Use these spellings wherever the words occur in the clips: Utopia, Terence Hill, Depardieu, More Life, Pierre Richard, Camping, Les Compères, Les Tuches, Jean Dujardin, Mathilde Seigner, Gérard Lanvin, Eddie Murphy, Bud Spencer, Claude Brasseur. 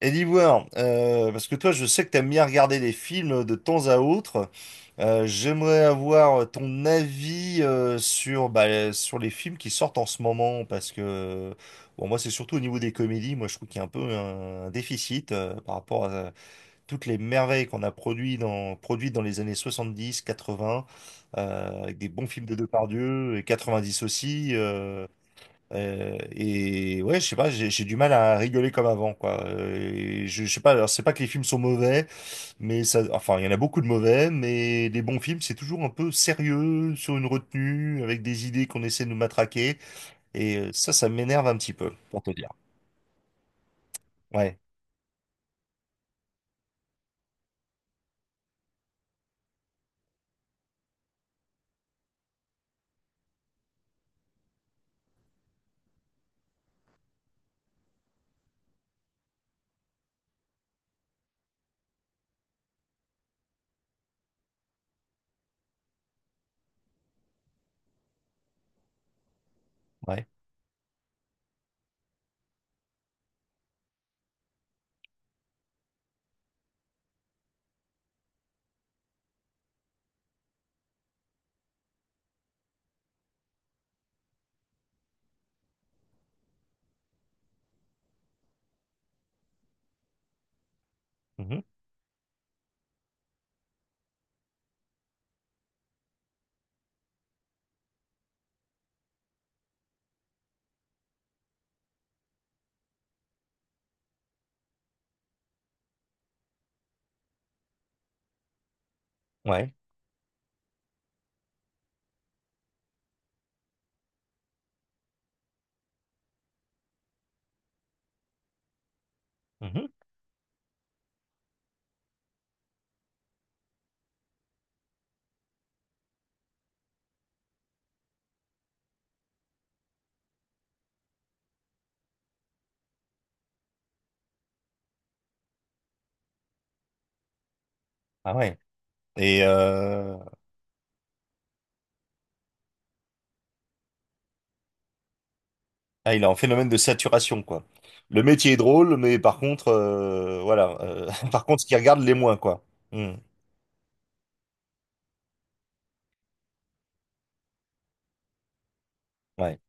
Et d'Ivoire, parce que toi, je sais que t'aimes bien regarder des films de temps à autre. J'aimerais avoir ton avis sur, sur les films qui sortent en ce moment, parce que bon, moi, c'est surtout au niveau des comédies. Moi, je trouve qu'il y a un peu un déficit par rapport à toutes les merveilles qu'on a produites dans les années 70, 80, avec des bons films de Depardieu et 90 aussi. Et ouais, je sais pas, j'ai du mal à rigoler comme avant, quoi. Et je sais pas, alors c'est pas que les films sont mauvais, mais ça, enfin, il y en a beaucoup de mauvais, mais les bons films, c'est toujours un peu sérieux, sur une retenue, avec des idées qu'on essaie de nous matraquer, et ça, ça m'énerve un petit peu, pour te dire. Ouais, ouais, mhm, ouais, mhm, ah ouais. Et ah, il est en phénomène de saturation, quoi. Le métier est drôle, mais par contre, voilà, par contre, ce qui regarde les moins, quoi. Hmm, ouais.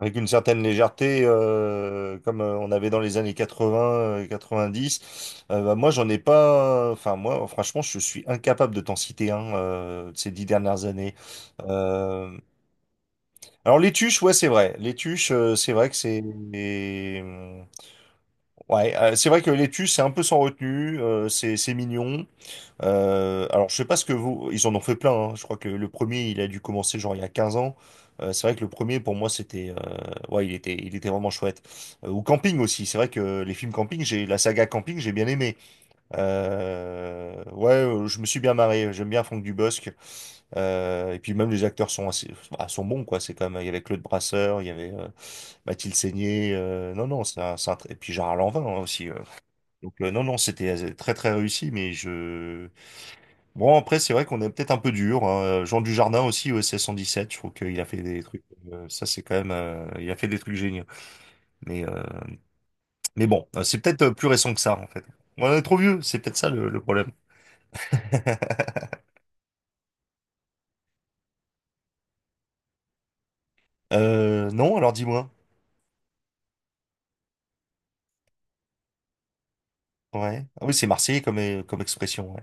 Avec une certaine légèreté, comme on avait dans les années 80, 90. Bah, moi, j'en ai pas. Enfin, moi, franchement, je suis incapable de t'en citer un de ces 10 dernières années. Euh, Alors, les tuches, ouais, c'est vrai. Les tuches, c'est vrai que c'est. Ouais, c'est vrai que l'étu, c'est un peu sans retenue, c'est mignon. Alors, je sais pas ce que vous... Ils en ont fait plein, hein. Je crois que le premier, il a dû commencer genre il y a 15 ans. C'est vrai que le premier, pour moi, c'était... Ouais, il était vraiment chouette. Ou Camping aussi, c'est vrai que les films Camping, j'ai la saga Camping, j'ai bien aimé. Ouais, je me suis bien marré. J'aime bien Franck Dubosc. Et puis même les acteurs sont assez, bah, sont bons quoi. C'est quand même il y avait Claude Brasseur, il y avait Mathilde Seigner. Non non, c'est un tr- et puis Gérard Lanvin hein, aussi. Donc non non, c'était très très réussi. Mais je Bon, après c'est vrai qu'on est peut-être un peu dur. Hein. Jean Dujardin aussi au SS 117 je trouve qu'il a fait des trucs. Ça c'est quand même, il a fait des trucs géniaux. Mais euh, mais bon, c'est peut-être plus récent que ça en fait. On est trop vieux, c'est peut-être ça le problème. Non, alors dis-moi. Ouais. Ah oui, c'est marseillais comme, comme expression, ouais.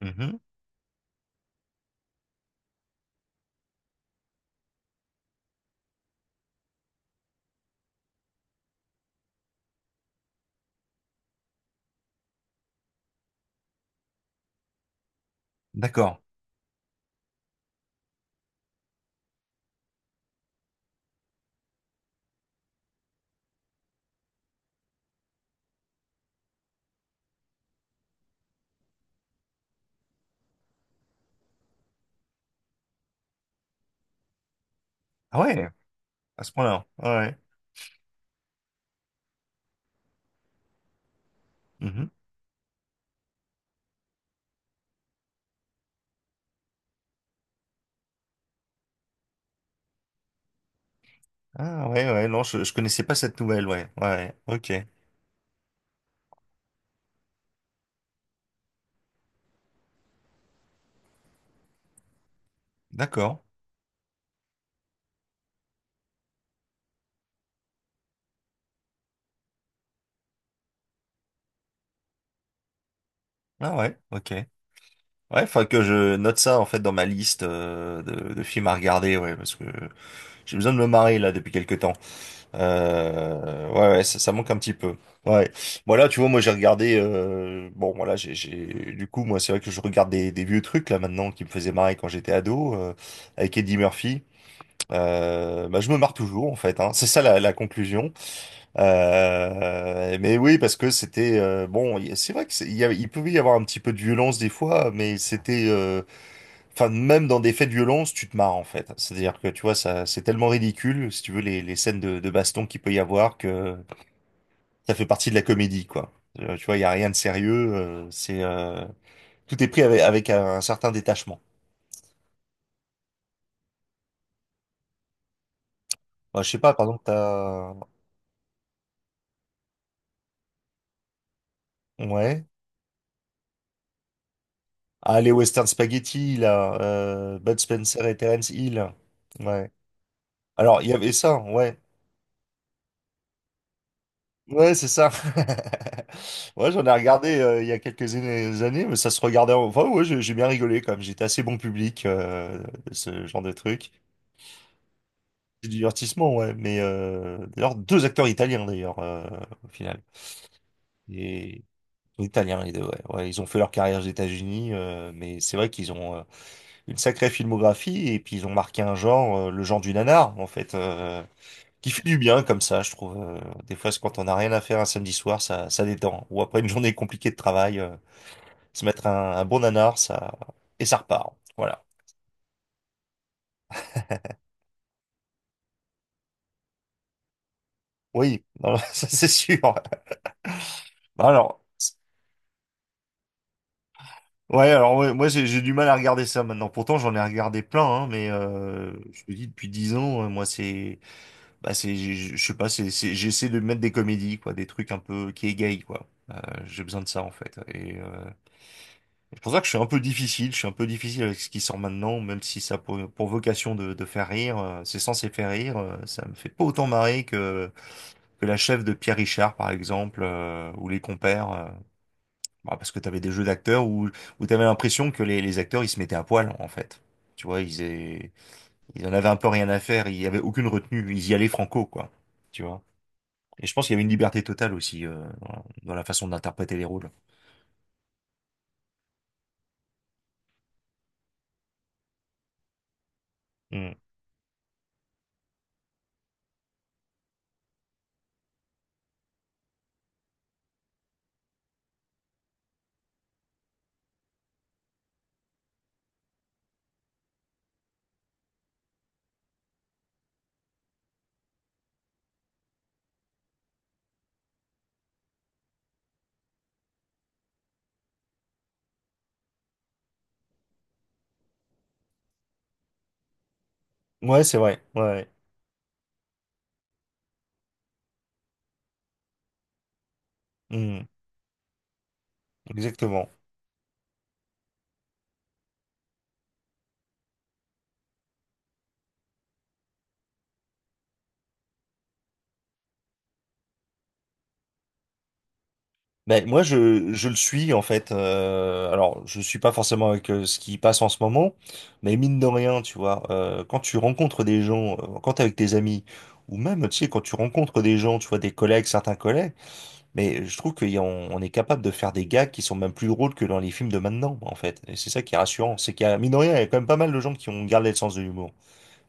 Mhm. D'accord. Ah ouais, à ce point-là. Ouais. Mhm. Ah ouais, ouais, non, je connaissais pas cette nouvelle, ouais. Ouais, ouais. OK. D'accord. Ah ouais, OK. Ouais, faut que je note ça en fait dans ma liste de films à regarder, ouais, parce que j'ai besoin de me marrer là depuis quelques temps. Ouais, ouais, ça manque un petit peu. Ouais. Voilà, tu vois, moi j'ai regardé. Bon, voilà, j'ai. Du coup, moi, c'est vrai que je regarde des vieux trucs là maintenant qui me faisaient marrer quand j'étais ado avec Eddie Murphy. Bah, je me marre toujours en fait. Hein. C'est ça la, la conclusion. Mais oui, parce que c'était bon. Y- C'est vrai que c'est- il y a- il pouvait y avoir un petit peu de violence des fois, mais c'était. Enfin, même dans des faits de violence, tu te marres en fait. C'est-à-dire que tu vois, ça, c'est tellement ridicule, si tu veux, les scènes de baston qu'il peut y avoir, que ça fait partie de la comédie, quoi. Tu vois, il y a rien de sérieux. C'est tout est pris avec, avec un certain détachement. Bah, je sais pas, par exemple, t'as ouais, ah les Western Spaghetti là, Bud Spencer et Terence Hill. Ouais. Alors il y avait ça, ouais. Ouais, c'est ça. Ouais, j'en ai regardé il y a quelques années, mais ça se regardait. En- Enfin, ouais, j'ai bien rigolé quand même. J'étais assez bon public, ce genre de truc. C'est du divertissement, ouais. Mais d'ailleurs, deux acteurs italiens, d'ailleurs, au final. Et italiens, les deux, ouais. Ouais, ils ont fait leur carrière aux États-Unis, mais c'est vrai qu'ils ont une sacrée filmographie et puis ils ont marqué un genre, le genre du nanar, en fait. Qui fait du bien comme ça, je trouve. Des fois, c'est quand on n'a rien à faire un samedi soir, ça détend. Ou après une journée compliquée de travail, se mettre un bon nanar, ça et ça repart. Voilà. Oui, non, ça c'est sûr. Bah, Alors, c- ouais, alors ouais, moi j'ai du mal à regarder ça maintenant. Pourtant, j'en ai regardé plein, hein, mais je te dis depuis 10 ans, moi c'est, bah c'est, je sais pas, c'est- j'essaie de mettre des comédies, quoi, des trucs un peu qui égayent, quoi. J'ai besoin de ça en fait. Et c'est pour ça que je suis un peu difficile, je suis un peu difficile avec ce qui sort maintenant, même si ça a pour vocation de faire rire, c'est censé faire rire, ça me fait pas autant marrer que la chef de Pierre Richard, par exemple, ou les compères, bah, parce que t'avais des jeux d'acteurs où, où t'avais l'impression que les acteurs, ils se mettaient à poil, en fait. Tu vois, ils, aient- ils en avaient un peu rien à faire, il y avait aucune retenue, ils y allaient franco, quoi. Tu vois. Et je pense qu'il y avait une liberté totale aussi, dans la façon d'interpréter les rôles. Mm. Ouais, c'est vrai, ouais, ouais. Mm. Exactement. Ben, moi, je le suis en fait. Alors, je suis pas forcément avec ce qui passe en ce moment, mais mine de rien, tu vois, quand tu rencontres des gens, quand t'es avec tes amis, ou même, tu sais, quand tu rencontres des gens, tu vois, des collègues, certains collègues, mais je trouve qu'on est capable de faire des gags qui sont même plus drôles que dans les films de maintenant, en fait. Et c'est ça qui est rassurant, c'est qu'il y a, mine de rien, il y a quand même pas mal de gens qui ont gardé le sens de l'humour.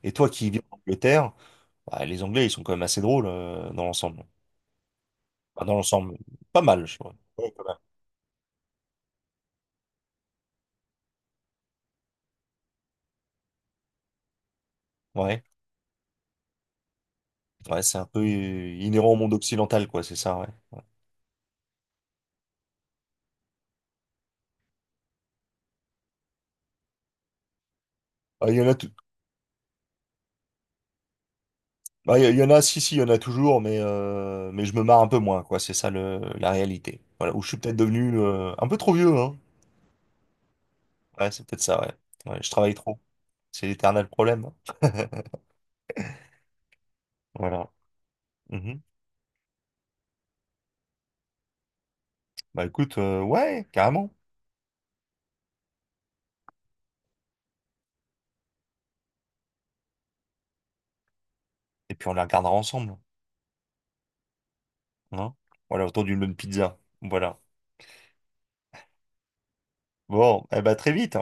Et toi qui vis en Angleterre, bah, les Anglais, ils sont quand même assez drôles dans l'ensemble. Enfin, dans l'ensemble, pas mal, je crois. Ouais, quand même. Ouais. Ouais, c'est un peu inhérent au monde occidental, quoi, c'est ça, ouais. Ouais. Ah, il y en a, tou- ah, il y en a, si, si, il y en a toujours, mais je me marre un peu moins, quoi, c'est ça le, la réalité. Voilà, où je suis peut-être devenu un peu trop vieux, hein. Ouais, c'est peut-être ça, ouais. Ouais, je travaille trop. C'est l'éternel problème. Hein. Voilà. Mhm. Bah écoute, ouais, carrément. Et puis on la regardera ensemble, hein. Voilà, autour d'une bonne pizza. Voilà. Bon, eh bah très vite.